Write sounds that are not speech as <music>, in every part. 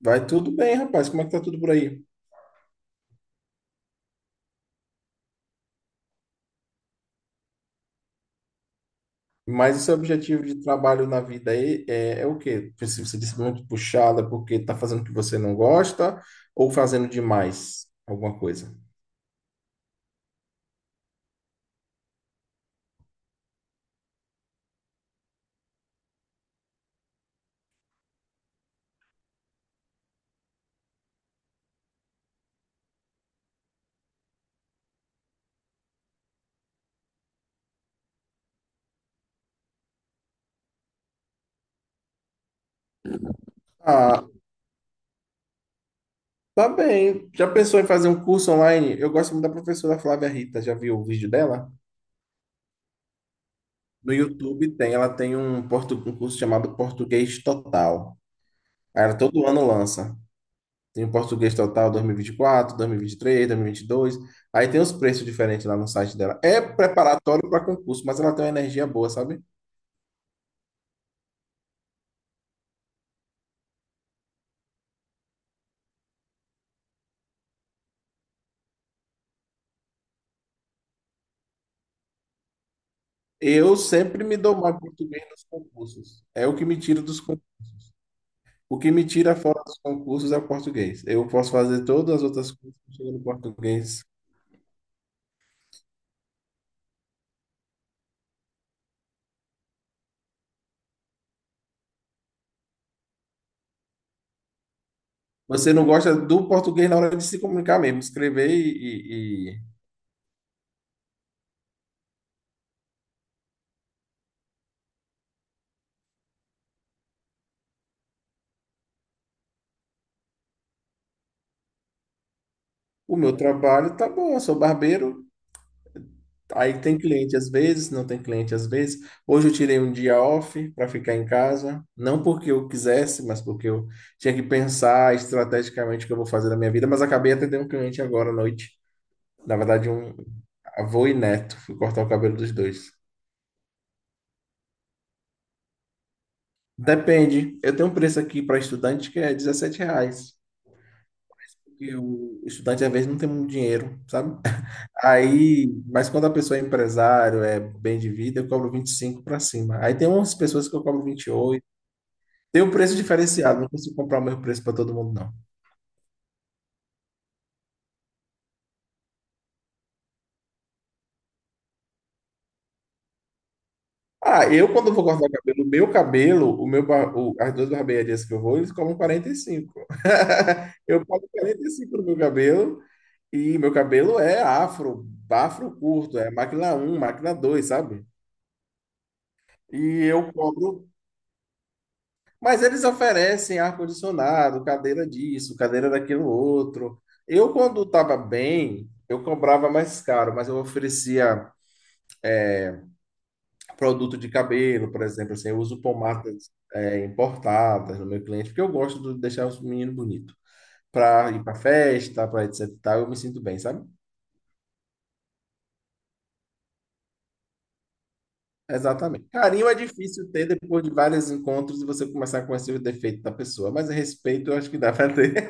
Vai tudo bem, rapaz. Como é que tá tudo por aí? Mas o seu objetivo de trabalho na vida aí é o quê? Se você disse muito puxada porque tá fazendo o que você não gosta ou fazendo demais alguma coisa? Ah, tá bem. Já pensou em fazer um curso online? Eu gosto muito da professora Flávia Rita. Já viu o vídeo dela? No YouTube tem, ela tem um curso chamado Português Total. Aí ela todo ano lança. Tem o português total dois mil e vinte quatro, três, 2022. Aí tem os preços diferentes lá no site dela. É preparatório para concurso, mas ela tem uma energia boa, sabe? Eu sempre me dou mal em português nos concursos. É o que me tira dos concursos. O que me tira fora dos concursos é o português. Eu posso fazer todas as outras coisas que chegam no português. Você não gosta do português na hora de se comunicar mesmo, escrever e- e- O meu trabalho tá bom, eu sou barbeiro. Aí tem cliente às vezes, não tem cliente às vezes. Hoje eu tirei um dia off para ficar em casa, não porque eu quisesse, mas porque eu tinha que pensar estrategicamente o que eu vou fazer na minha vida, mas acabei atendendo um cliente agora à noite. Na verdade, um avô e neto, fui cortar o cabelo dos dois. Depende. Eu tenho um preço aqui para estudante que é R$ reais. E o estudante às vezes não tem muito dinheiro, sabe? <laughs> Aí, mas quando a pessoa é empresário, é bem de vida, eu cobro 25 para cima. Aí tem umas pessoas que eu cobro 28. Tem um preço diferenciado, não consigo comprar o mesmo preço para todo mundo, não. Ah, eu quando vou cortar o cabelo, o meu as duas barbearias que eu vou, eles cobram 45. <laughs> Eu pago 45 no meu cabelo, e meu cabelo é afro, afro curto, é máquina um, máquina dois, sabe? E eu cobro, mas eles oferecem ar-condicionado, cadeira disso, cadeira daquilo outro. Eu quando estava bem, eu cobrava mais caro, mas eu oferecia produto de cabelo, por exemplo, assim, eu uso pomadas é, importadas no meu cliente, porque eu gosto de deixar os meninos bonitos. Para ir para festa, para etc. e tal, eu me sinto bem, sabe? Exatamente. Carinho é difícil ter depois de vários encontros e você começar a conhecer o defeito da pessoa, mas respeito eu acho que dá para ter.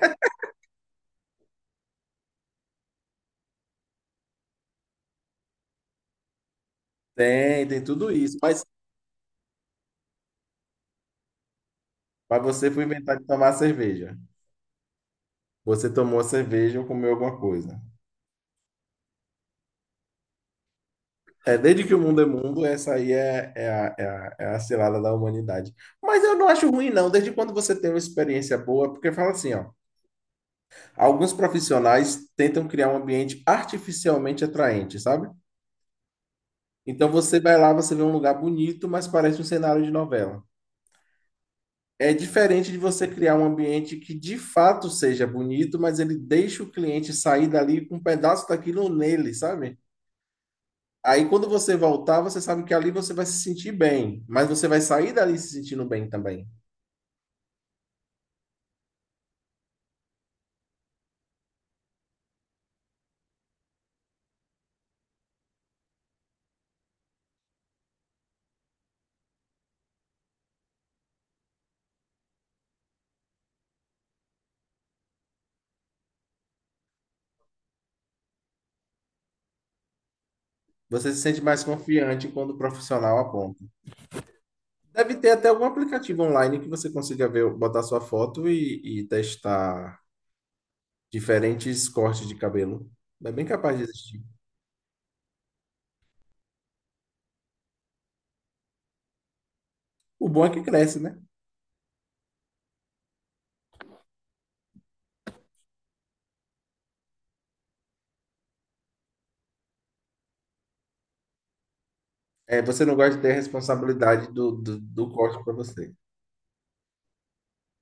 <laughs> Tem, tem tudo isso, mas você foi inventar de tomar cerveja. Você tomou a cerveja ou comeu alguma coisa. É, desde que o mundo é mundo, essa aí é a cilada da humanidade. Mas eu não acho ruim, não, desde quando você tem uma experiência boa, porque fala assim, ó, alguns profissionais tentam criar um ambiente artificialmente atraente, sabe? Então você vai lá, você vê um lugar bonito, mas parece um cenário de novela. É diferente de você criar um ambiente que de fato seja bonito, mas ele deixa o cliente sair dali com um pedaço daquilo nele, sabe? Aí quando você voltar, você sabe que ali você vai se sentir bem, mas você vai sair dali se sentindo bem também. Você se sente mais confiante quando o profissional aponta. Deve ter até algum aplicativo online que você consiga ver, botar sua foto e testar diferentes cortes de cabelo. É bem capaz de existir. O bom é que cresce, né? É, você não gosta de ter a responsabilidade do corte para você.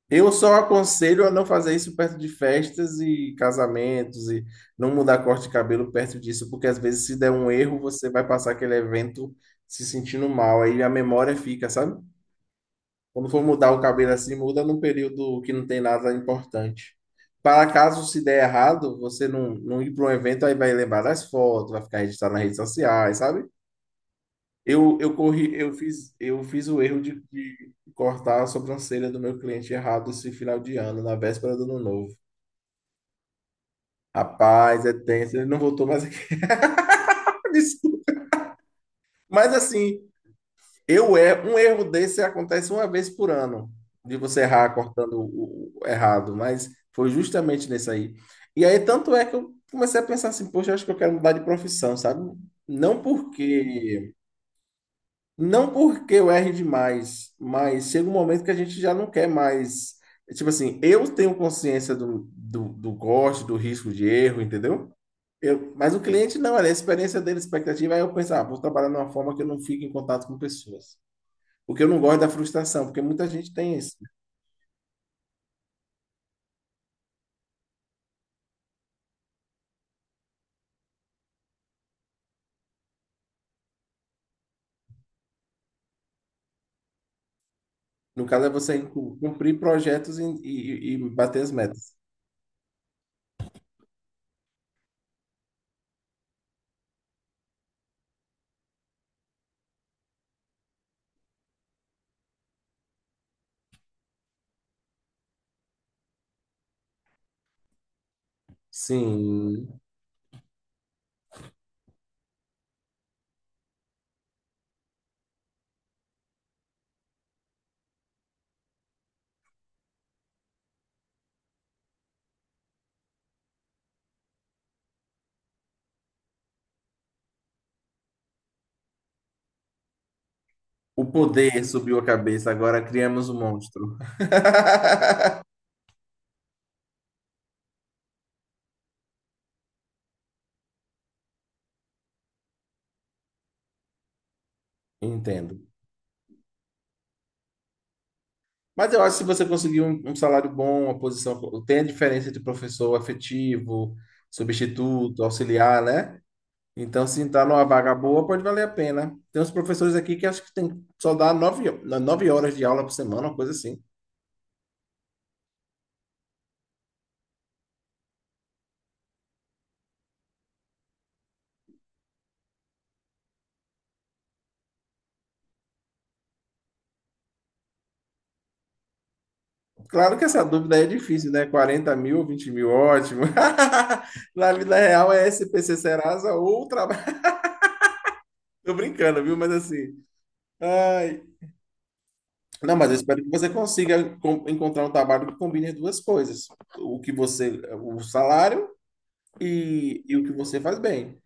Eu só aconselho a não fazer isso perto de festas e casamentos e não mudar corte de cabelo perto disso, porque às vezes se der um erro, você vai passar aquele evento se sentindo mal, aí a memória fica, sabe? Quando for mudar o cabelo assim, muda num período que não tem nada importante. Para caso se der errado, você não ir para um evento, aí vai lembrar das fotos, vai ficar registrado nas redes sociais, sabe? Eu fiz o erro de cortar a sobrancelha do meu cliente errado esse final de ano, na véspera do ano novo. Rapaz, é tenso, ele não voltou mais aqui. <laughs> Desculpa. Mas assim, eu é um erro desse acontece uma vez por ano, de você errar cortando o errado, mas foi justamente nesse aí. E aí tanto é que eu comecei a pensar assim, poxa, eu acho que eu quero mudar de profissão, sabe? Não porque Não porque eu erre demais, mas chega um momento que a gente já não quer mais. Tipo assim, eu tenho consciência do gosto, do, risco de erro, entendeu? Eu, mas o cliente não, é a experiência dele, a expectativa, aí eu penso, ah, vou trabalhar de uma forma que eu não fique em contato com pessoas. Porque eu não gosto da frustração, porque muita gente tem isso. No caso, é você cumprir projetos e bater as metas. Sim, o poder subiu a cabeça, agora criamos um monstro. <laughs> Entendo. Mas eu acho que se você conseguir um salário bom, uma posição, tem a diferença entre professor efetivo, substituto, auxiliar, né? Então, se entrar numa vaga boa, pode valer a pena. Tem uns professores aqui que acho que tem só dá nove, 9 horas de aula por semana, uma coisa assim. Claro que essa dúvida aí é difícil, né? 40 mil, 20 mil, ótimo. <laughs> Na vida real é SPC Serasa ou trabalho. <laughs> Tô brincando, viu? Mas assim. Ai, não, mas eu espero que você consiga encontrar um trabalho que combine as duas coisas. O que você, o salário e o que você faz bem.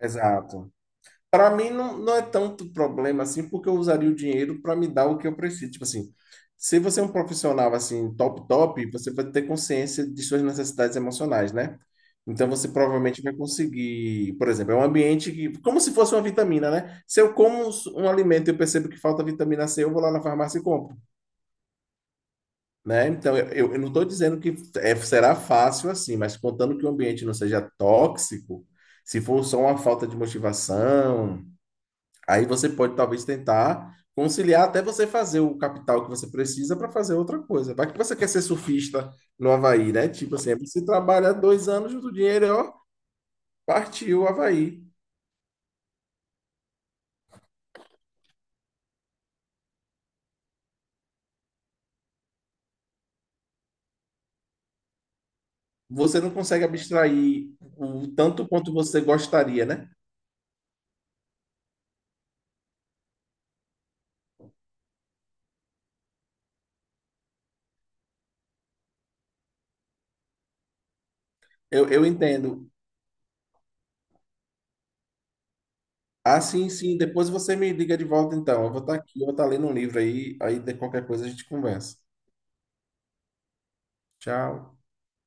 Exato. Para mim não, não é tanto problema assim, porque eu usaria o dinheiro para me dar o que eu preciso. Tipo assim, se você é um profissional assim top top, você vai ter consciência de suas necessidades emocionais, né? Então você provavelmente vai conseguir, por exemplo, é um ambiente que, como se fosse uma vitamina, né? Se eu como um alimento e eu percebo que falta vitamina C, eu vou lá na farmácia e compro. Né? Então, eu não estou dizendo que será fácil assim, mas contando que o ambiente não seja tóxico, se for só uma falta de motivação, aí você pode talvez tentar conciliar até você fazer o capital que você precisa para fazer outra coisa. Vai que você quer ser surfista no Havaí, né? Tipo assim, você trabalha 2 anos junto o dinheiro, e, ó, partiu o Havaí. Você não consegue abstrair o tanto quanto você gostaria, né? Eu entendo. Ah, sim, sim. Depois você me liga de volta, então. Eu vou estar aqui, eu vou estar lendo um livro aí, aí de qualquer coisa a gente conversa. Tchau.